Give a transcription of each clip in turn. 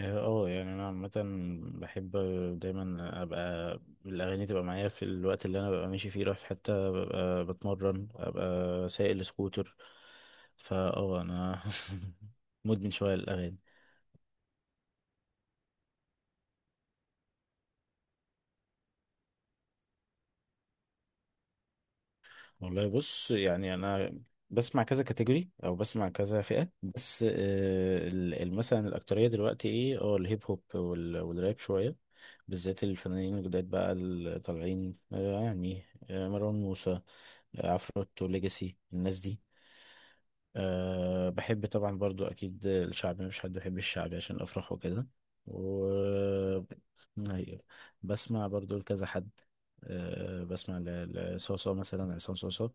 اه يعني انا عامة بحب دايما ابقى الاغاني تبقى معايا في الوقت اللي انا ببقى ماشي فيه رايح في حتة ببقى بتمرن ابقى سايق السكوتر. فا انا مدمن شوية الاغاني. والله بص يعني انا بسمع كذا كاتيجوري او بسمع كذا فئه بس مثلا الاكتريه دلوقتي ايه الهيب هوب والراب شويه، بالذات الفنانين الجداد بقى اللي طالعين يعني مروان موسى، عفروتو، ليجاسي، الناس دي. أه بحب طبعا برضو أكيد الشعبي، مش حد بيحب الشعبي عشان أفرح وكده. و أيوة. بسمع برضو لكذا حد. أه بسمع لصوصو مثلا عصام صوصو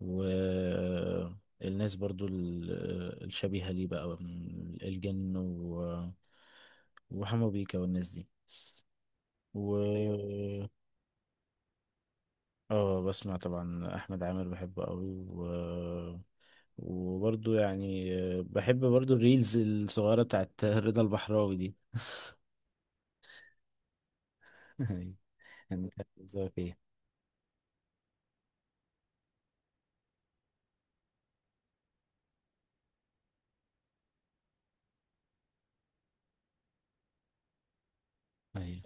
والناس برضو الشبيهة ليه بقى من الجن و... وحمو بيكا والناس دي. و ايوه، اه بسمع طبعا أحمد عامر بحبه قوي. وبرضو يعني بحب برضو الريلز الصغيرة بتاعت رضا البحراوي دي أيوة. يعني كانت بتظهر فيها. ايوه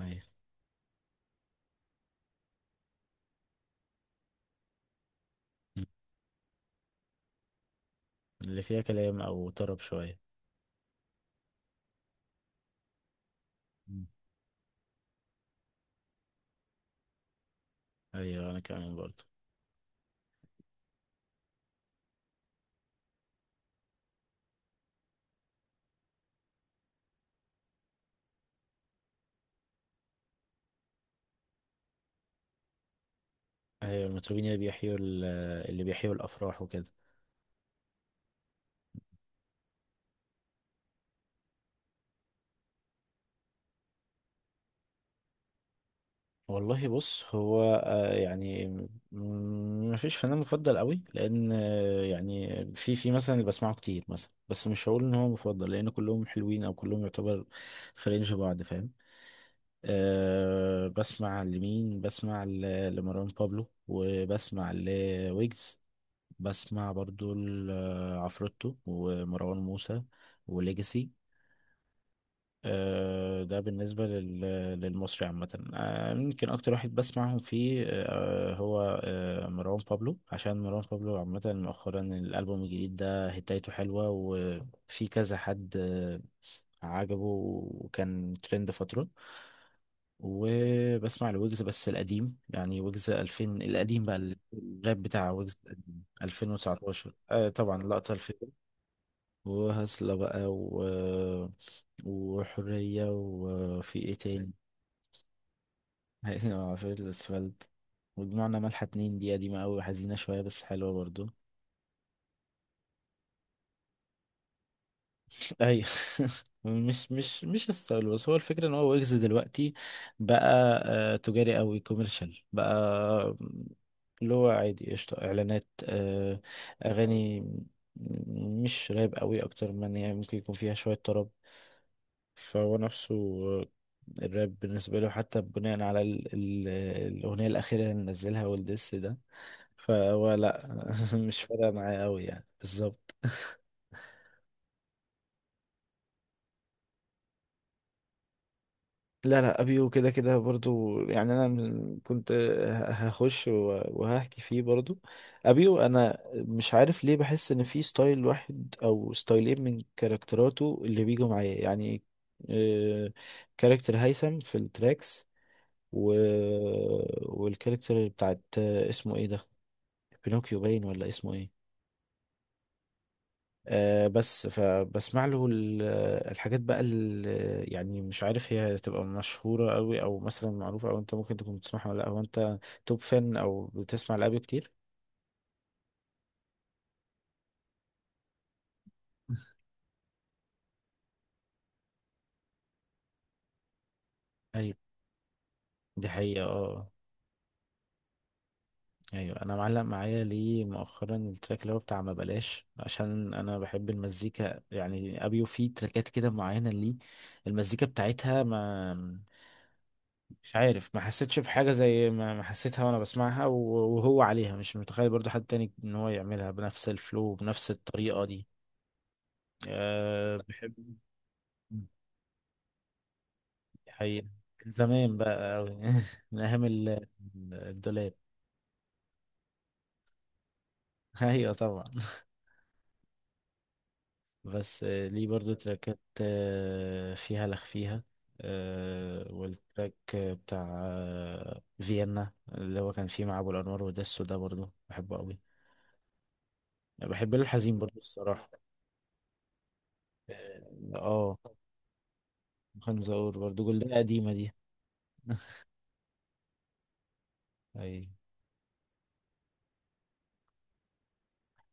ايوه. م. اللي فيها كلام او طرب شوية. م. ايوه انا كمان برضو. ايوه المطربين اللي بيحيوا اللي بيحيوا الافراح وكده. والله بص، هو يعني ما فيش فنان مفضل قوي، لان يعني في مثلا اللي بسمعه كتير مثلا، بس مش هقول ان هو مفضل لان كلهم حلوين او كلهم يعتبر في رينج بعض، فاهم. أه بسمع لمين، بسمع لمروان بابلو وبسمع لويجز. بسمع برضو لعفروتو ومروان موسى وليجاسي. أه ده بالنسبة للمصري عامة. أه ممكن أكتر واحد بسمعهم فيه أه هو أه مروان بابلو، عشان مروان بابلو عامة مؤخرا الألبوم الجديد ده هتايته حلوة وفي كذا حد عجبه وكان ترند فترة. وبسمع لويجز بس القديم يعني، ويجز 2000 القديم بقى، الراب بتاع ويجز القديم، 2019 آه طبعا لقطة الفيلم وهسلة بقى و... وحرية، وفي ايه تاني. في الاسفلت وجمعنا ملحة اتنين دي قديمة أوي وحزينة شوية بس حلوة برضو. اي مش ستايل، بس هو الفكره ان هو ويجز دلوقتي بقى تجاري قوي، كوميرشال بقى، اللي هو عادي قشطه اعلانات، اغاني مش راب قوي اكتر من، يعني ممكن يكون فيها شويه طرب. فهو نفسه آه، الراب بالنسبه له حتى، بناء على ال الاغنيه الاخيره اللي نزلها والدس ده، فهو لا مش فارقه معايا قوي يعني بالظبط. لا لا، ابيو كده كده برضو يعني، انا كنت هخش وهحكي فيه برضو. ابيو انا مش عارف ليه، بحس ان في ستايل واحد او ستايلين من كاركتراته اللي بيجوا معايا يعني، آه، كاركتر هيثم في التراكس و... والكاركتر بتاعت اسمه ايه ده، بينوكيو باين ولا اسمه ايه. بس فبسمع له الحاجات بقى اللي، يعني مش عارف هي تبقى مشهورة قوي او مثلا معروفة، او انت ممكن تكون بتسمعها ولا لا، هو انت توب فان او بتسمع لأبيو كتير؟ ايوه دي حقيقة اه. ايوه انا معلق معايا ليه مؤخرا التراك اللي هو بتاع ما بلاش، عشان انا بحب المزيكا يعني، ابيو فيه تراكات كده معينة ليه المزيكا بتاعتها، ما مش عارف ما حسيتش بحاجة زي ما حسيتها وانا بسمعها، وهو عليها مش متخيل برضو حد تاني ان هو يعملها بنفس الفلو بنفس الطريقة دي. أه بحب. حقيقة، زمان بقى أوي من أيام الدولاب أيوة طبعا. بس ليه برضو تراكات فيها لخ فيها والتراك بتاع فيينا اللي هو كان فيه مع أبو الأنوار ودسو ده برضو بحبه أوي. بحب له الحزين برضو الصراحة. اه آه. خنزور برضو جلدة قديمة دي اي،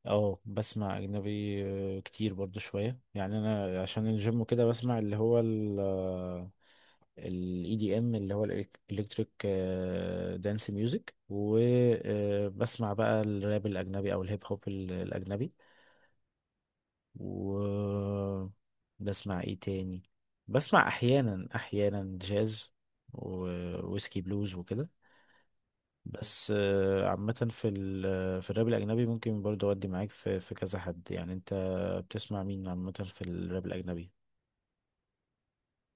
اه بسمع اجنبي كتير برضو شوية يعني. انا عشان الجيم كده بسمع اللي هو ال الاي دي ام اللي هو الالكتريك دانس ميوزك، وبسمع بقى الراب الاجنبي او الهيب هوب الاجنبي. وبسمع ايه تاني، بسمع احيانا احيانا جاز وويسكي بلوز وكده. بس عامة في ال في الراب الأجنبي ممكن برضه أودي معاك في كذا حد يعني. أنت بتسمع مين عامة في الراب الأجنبي؟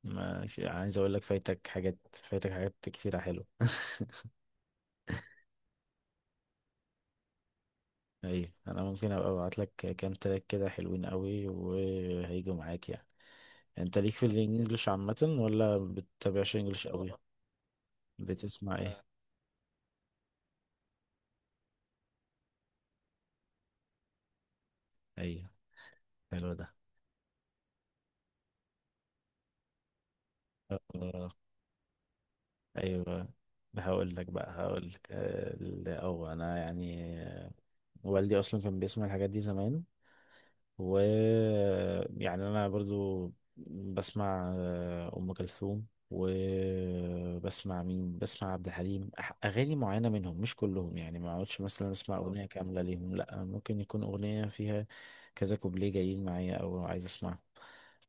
ماشي عايز أقول لك فايتك حاجات، فايتك حاجات كتيرة حلوة أيوة أنا ممكن أبقى أبعت لك كام تراك كده حلوين قوي وهيجوا معاك يعني. أنت ليك في الإنجليش عامة ولا بتتابعش إنجليش قوي؟ بتسمع إيه؟ أيوة حلو ده آه، أيوة. هقول لك بقى هقول لك أو أنا يعني، والدي اصلا كان بيسمع الحاجات دي زمان، و يعني انا برضو بسمع ام كلثوم، وبسمع مين، بسمع عبد الحليم، اغاني معينه منهم مش كلهم يعني، ما اقعدش مثلا اسمع اغنيه كامله ليهم، لا ممكن يكون اغنيه فيها كذا كوبليه جايين معايا او عايز اسمعه.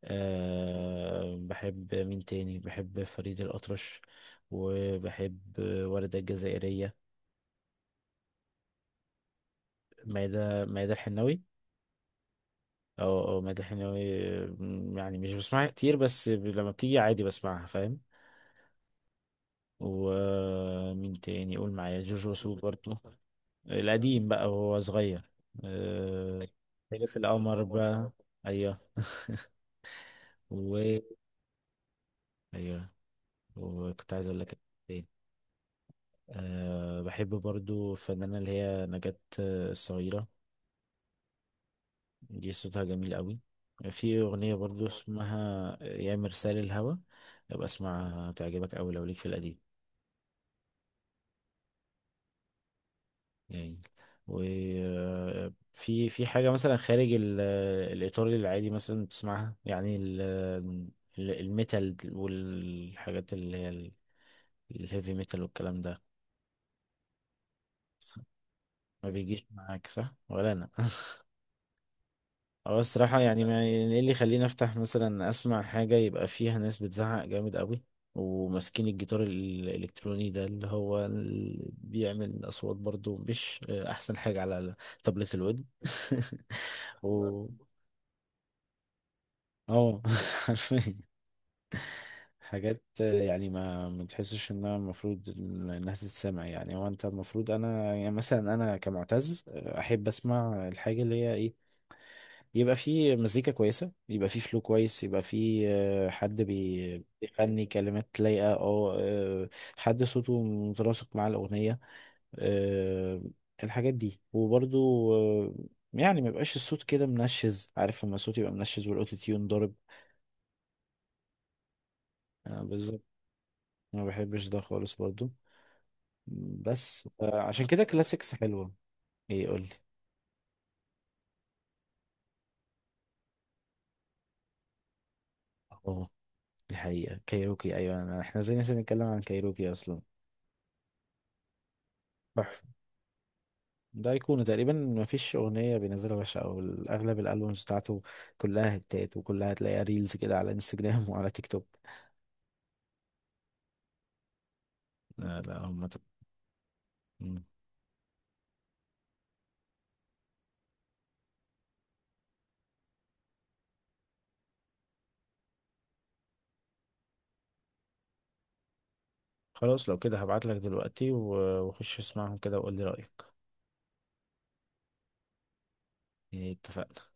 أه بحب مين تاني، بحب فريد الأطرش، وبحب وردة الجزائرية. مايدة الحناوي. اه اه مادة حناوي يعني مش بسمعها كتير بس لما بتيجي عادي بسمعها فاهم. ومين تاني، قول معايا جوجو سوب برضه، القديم بقى وهو صغير. أه... ليلة في القمر بقى. ايوه. و ايوه، وكنت عايز اقول لك ايه. أه... بحب برضو الفنانة اللي هي نجاة الصغيرة، دي صوتها جميل قوي. في أغنية برضو اسمها يا مرسال الهوى، ابقى اسمعها تعجبك أوي لو ليك في القديم يعني. وفي حاجة مثلا خارج الإيطالي العادي مثلا بتسمعها يعني الميتال والحاجات اللي هي الهيفي ميتال والكلام ده؟ ما بيجيش معاك صح ولا أنا؟ اه الصراحة يعني ما يعني، ايه اللي يخليني افتح مثلا اسمع حاجة يبقى فيها ناس بتزعق جامد قوي، وماسكين الجيتار الالكتروني ده اللي هو بيعمل اصوات برضو مش احسن حاجة على طبلة الودن و اه حرفيا حاجات يعني، ما تحسش انها المفروض انها تتسمع يعني. هو انت المفروض، انا يعني مثلا انا كمعتز احب اسمع الحاجة اللي هي ايه، يبقى في مزيكا كويسة، يبقى في فلو كويس، يبقى في حد بيغني كلمات لايقة، أو حد صوته متناسق مع الأغنية آه، الحاجات دي. وبرضو يعني ما يبقاش الصوت كده منشز، عارف لما الصوت يبقى منشز والأوتو تيون ضارب، بالظبط، ما بحبش ده خالص برضو. بس عشان كده كلاسيكس حلوة. ايه قولي. اه دي حقيقة، كايروكي أيوة أنا- احنا زي ناس نتكلم عن كايروكي أصلا. ده أيقونة تقريبا، مفيش أغنية بينزلها وحشة، أو أغلب الألبومز بتاعته كلها هتات وكلها هتلاقيها ريلز كده على انستجرام وعلى تيك توك. لا لا هم ت- مم. خلاص لو كده هبعتلك دلوقتي وخش اسمعهم كده وقول لي رأيك. اتفقنا.